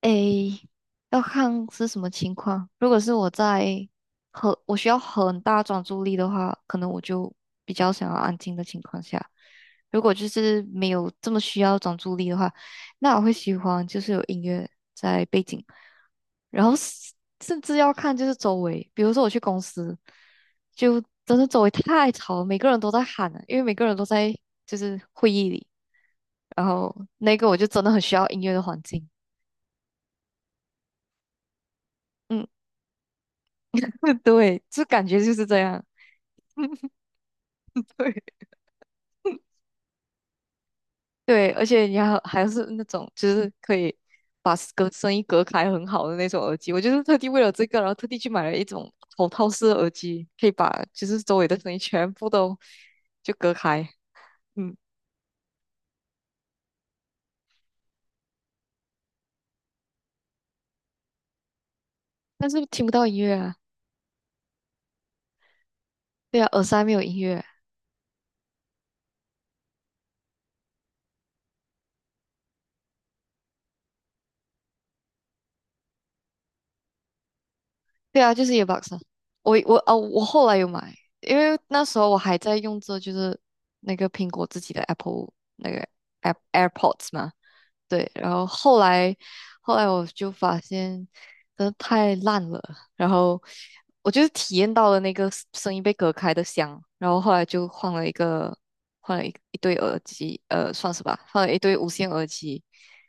诶，要看是什么情况。如果是我在我需要很大专注力的话，可能我就比较想要安静的情况下。如果就是没有这么需要专注力的话，那我会喜欢就是有音乐在背景，然后是甚至要看就是周围，比如说我去公司，就真的周围太吵了，每个人都在喊了，因为每个人都在就是会议里，然后那个我就真的很需要音乐的环境。嗯。对，就感觉就是这样。对，对，而且你还是那种就是可以把隔声音隔开很好的那种耳机，我就是特地为了这个，然后特地去买了一种头套式的耳机，可以把就是周围的声音全部都就隔开，嗯，但是听不到音乐啊，对啊，耳塞没有音乐，对啊，就是 earbuds 啊。我后来有买，因为那时候我还在用着就是那个苹果自己的 Apple 那个 AirPods 嘛。对，然后后来我就发现真的太烂了，然后我就是体验到了那个声音被隔开的香，然后后来就换了一个换了一对无线耳机。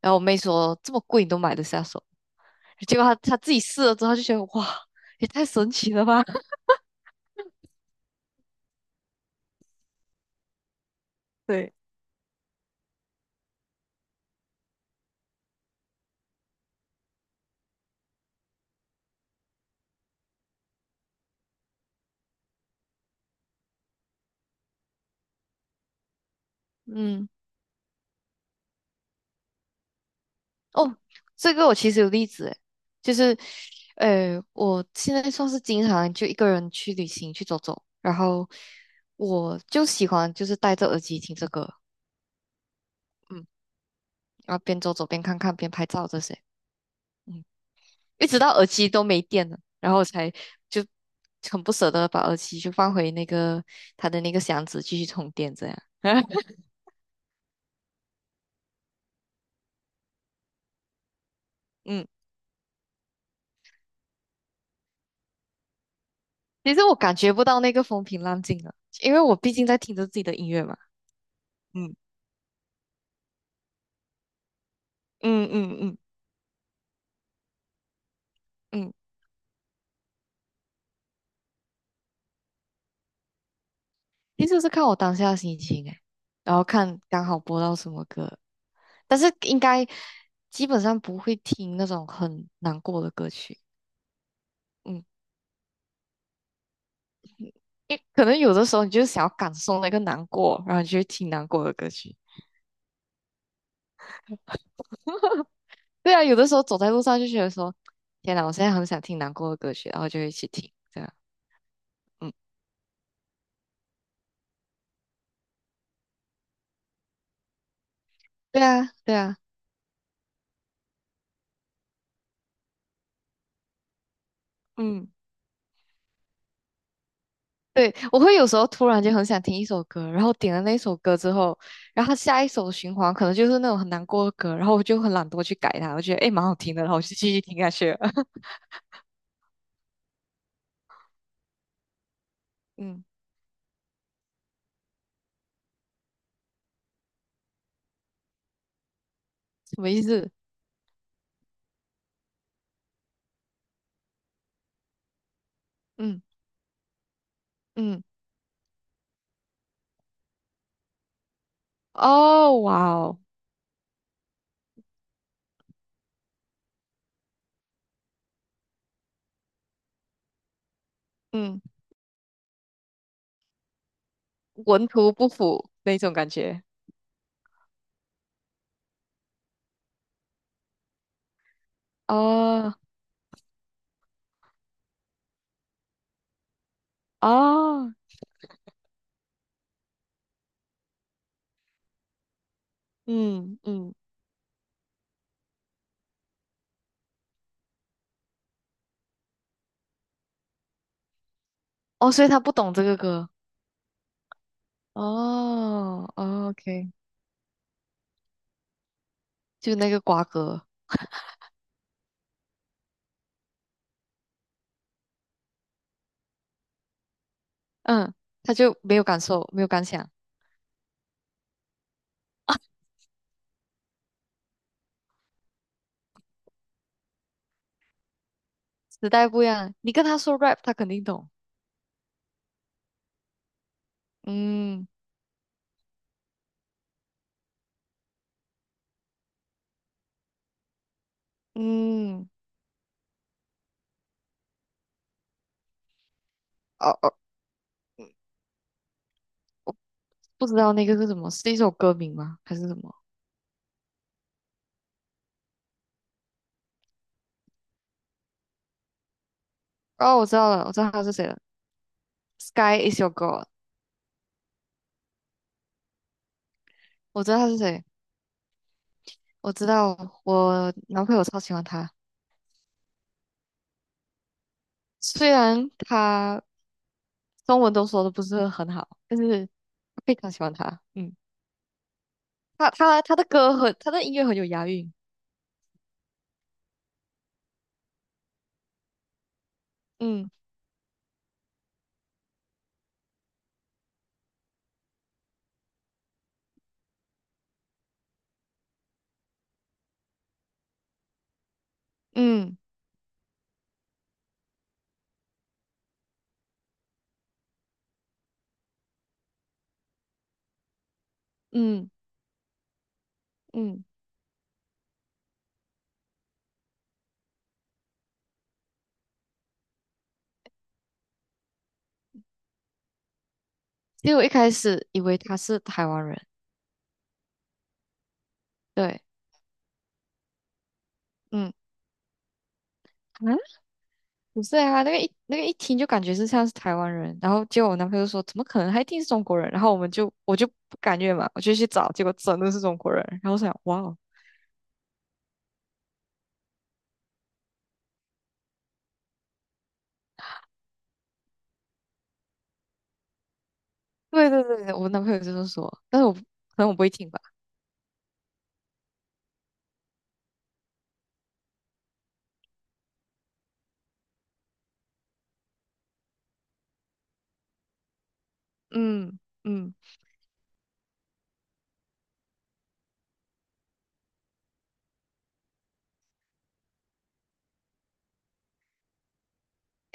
然后我妹说这么贵你都买得下手，结果他自己试了之后就觉得哇，也太神奇了吧 对，嗯，哦，这个我其实有例子诶，就是，我现在算是经常就一个人去旅行去走走，然后我就喜欢就是戴着耳机听这个，嗯，然后边走走边看看边拍照这些，嗯，一直到耳机都没电了，然后我才就很不舍得把耳机就放回那个它的那个箱子继续充电这样，嗯。其实我感觉不到那个风平浪静了，因为我毕竟在听着自己的音乐嘛。嗯，嗯嗯嗯嗯，其实是看我当下的心情诶，然后看刚好播到什么歌，但是应该基本上不会听那种很难过的歌曲。嗯，因可能有的时候你就是想要感受那个难过，然后你就会听难过的歌曲。对啊，有的时候走在路上就觉得说，天哪，我现在很想听难过的歌曲，然后就一起听。这样，嗯，对啊，对啊，嗯。对，我会有时候突然间很想听一首歌，然后点了那首歌之后，然后它下一首循环可能就是那种很难过的歌，然后我就很懒惰去改它，我觉得诶蛮好听的，然后我就继续听下去了。嗯，什么意思？嗯嗯，哦哇哦，嗯，文图不符那种感觉。哦哦，嗯嗯，哦，所以他不懂这个歌。哦哦，OK，就那个瓜葛，嗯，他就没有感受，没有感想。时代不一样，你跟他说 rap，他肯定懂。嗯嗯，哦哦，我不知道那个是什么，是一首歌名吗？还是什么？哦，我知道了，我知道他是谁了，Sky is your girl。我知道他是谁，我知道我男朋友超喜欢他，虽然他中文都说的不是很好，但是非常喜欢他。嗯，他的歌很，他的音乐很有押韵。嗯嗯嗯嗯，因为我一开始以为他是台湾人，对。嗯。嗯，不是啊，那个一听就感觉是像是台湾人，然后结果我男朋友就说怎么可能，他一定是中国人，然后我就不甘愿嘛，我就去找，结果真的是中国人，然后我想哇哦，对对对，我男朋友就是说，但是我不会听吧，嗯嗯，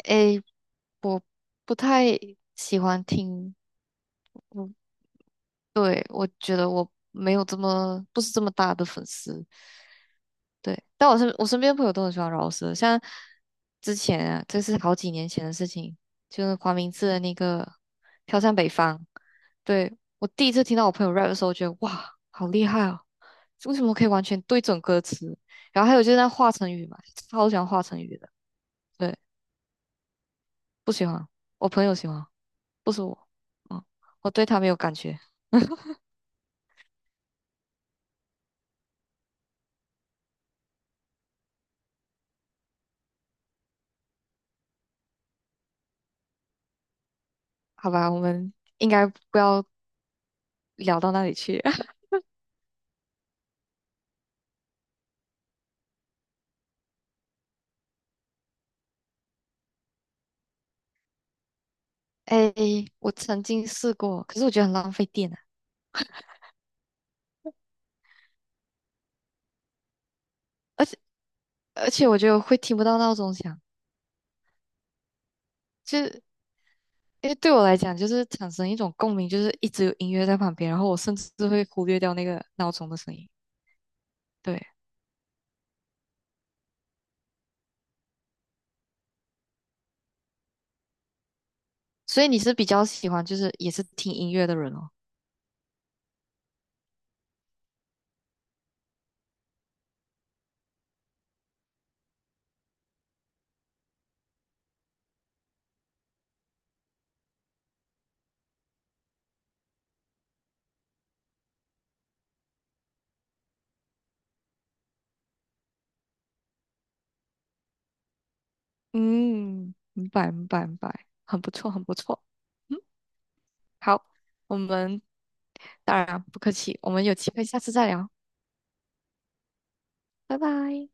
诶，我不太喜欢听，嗯，对，我觉得我没有这么不是这么大的粉丝，对，但我身边的朋友都很喜欢饶舌，像之前啊，这是好几年前的事情，就是黄明志的那个《飘向北方》。对，我第一次听到我朋友 rap 的时候，觉得哇，好厉害哦！为什么可以完全对准歌词？然后还有就是那华晨宇嘛，超喜欢华晨宇的。对，不喜欢，我朋友喜欢，不是我。嗯，我对他没有感觉。好吧，我们应该不要聊到那里去。哎，我曾经试过，可是我觉得很浪费电啊。而且我觉得我会听不到闹钟响，就是因为对我来讲，就是产生一种共鸣，就是一直有音乐在旁边，然后我甚至会忽略掉那个闹钟的声音。对，所以你是比较喜欢就是也是听音乐的人哦。嗯，明白明白明白，很不错很不错。嗯，好，我们当然不客气，我们有机会下次再聊，拜拜。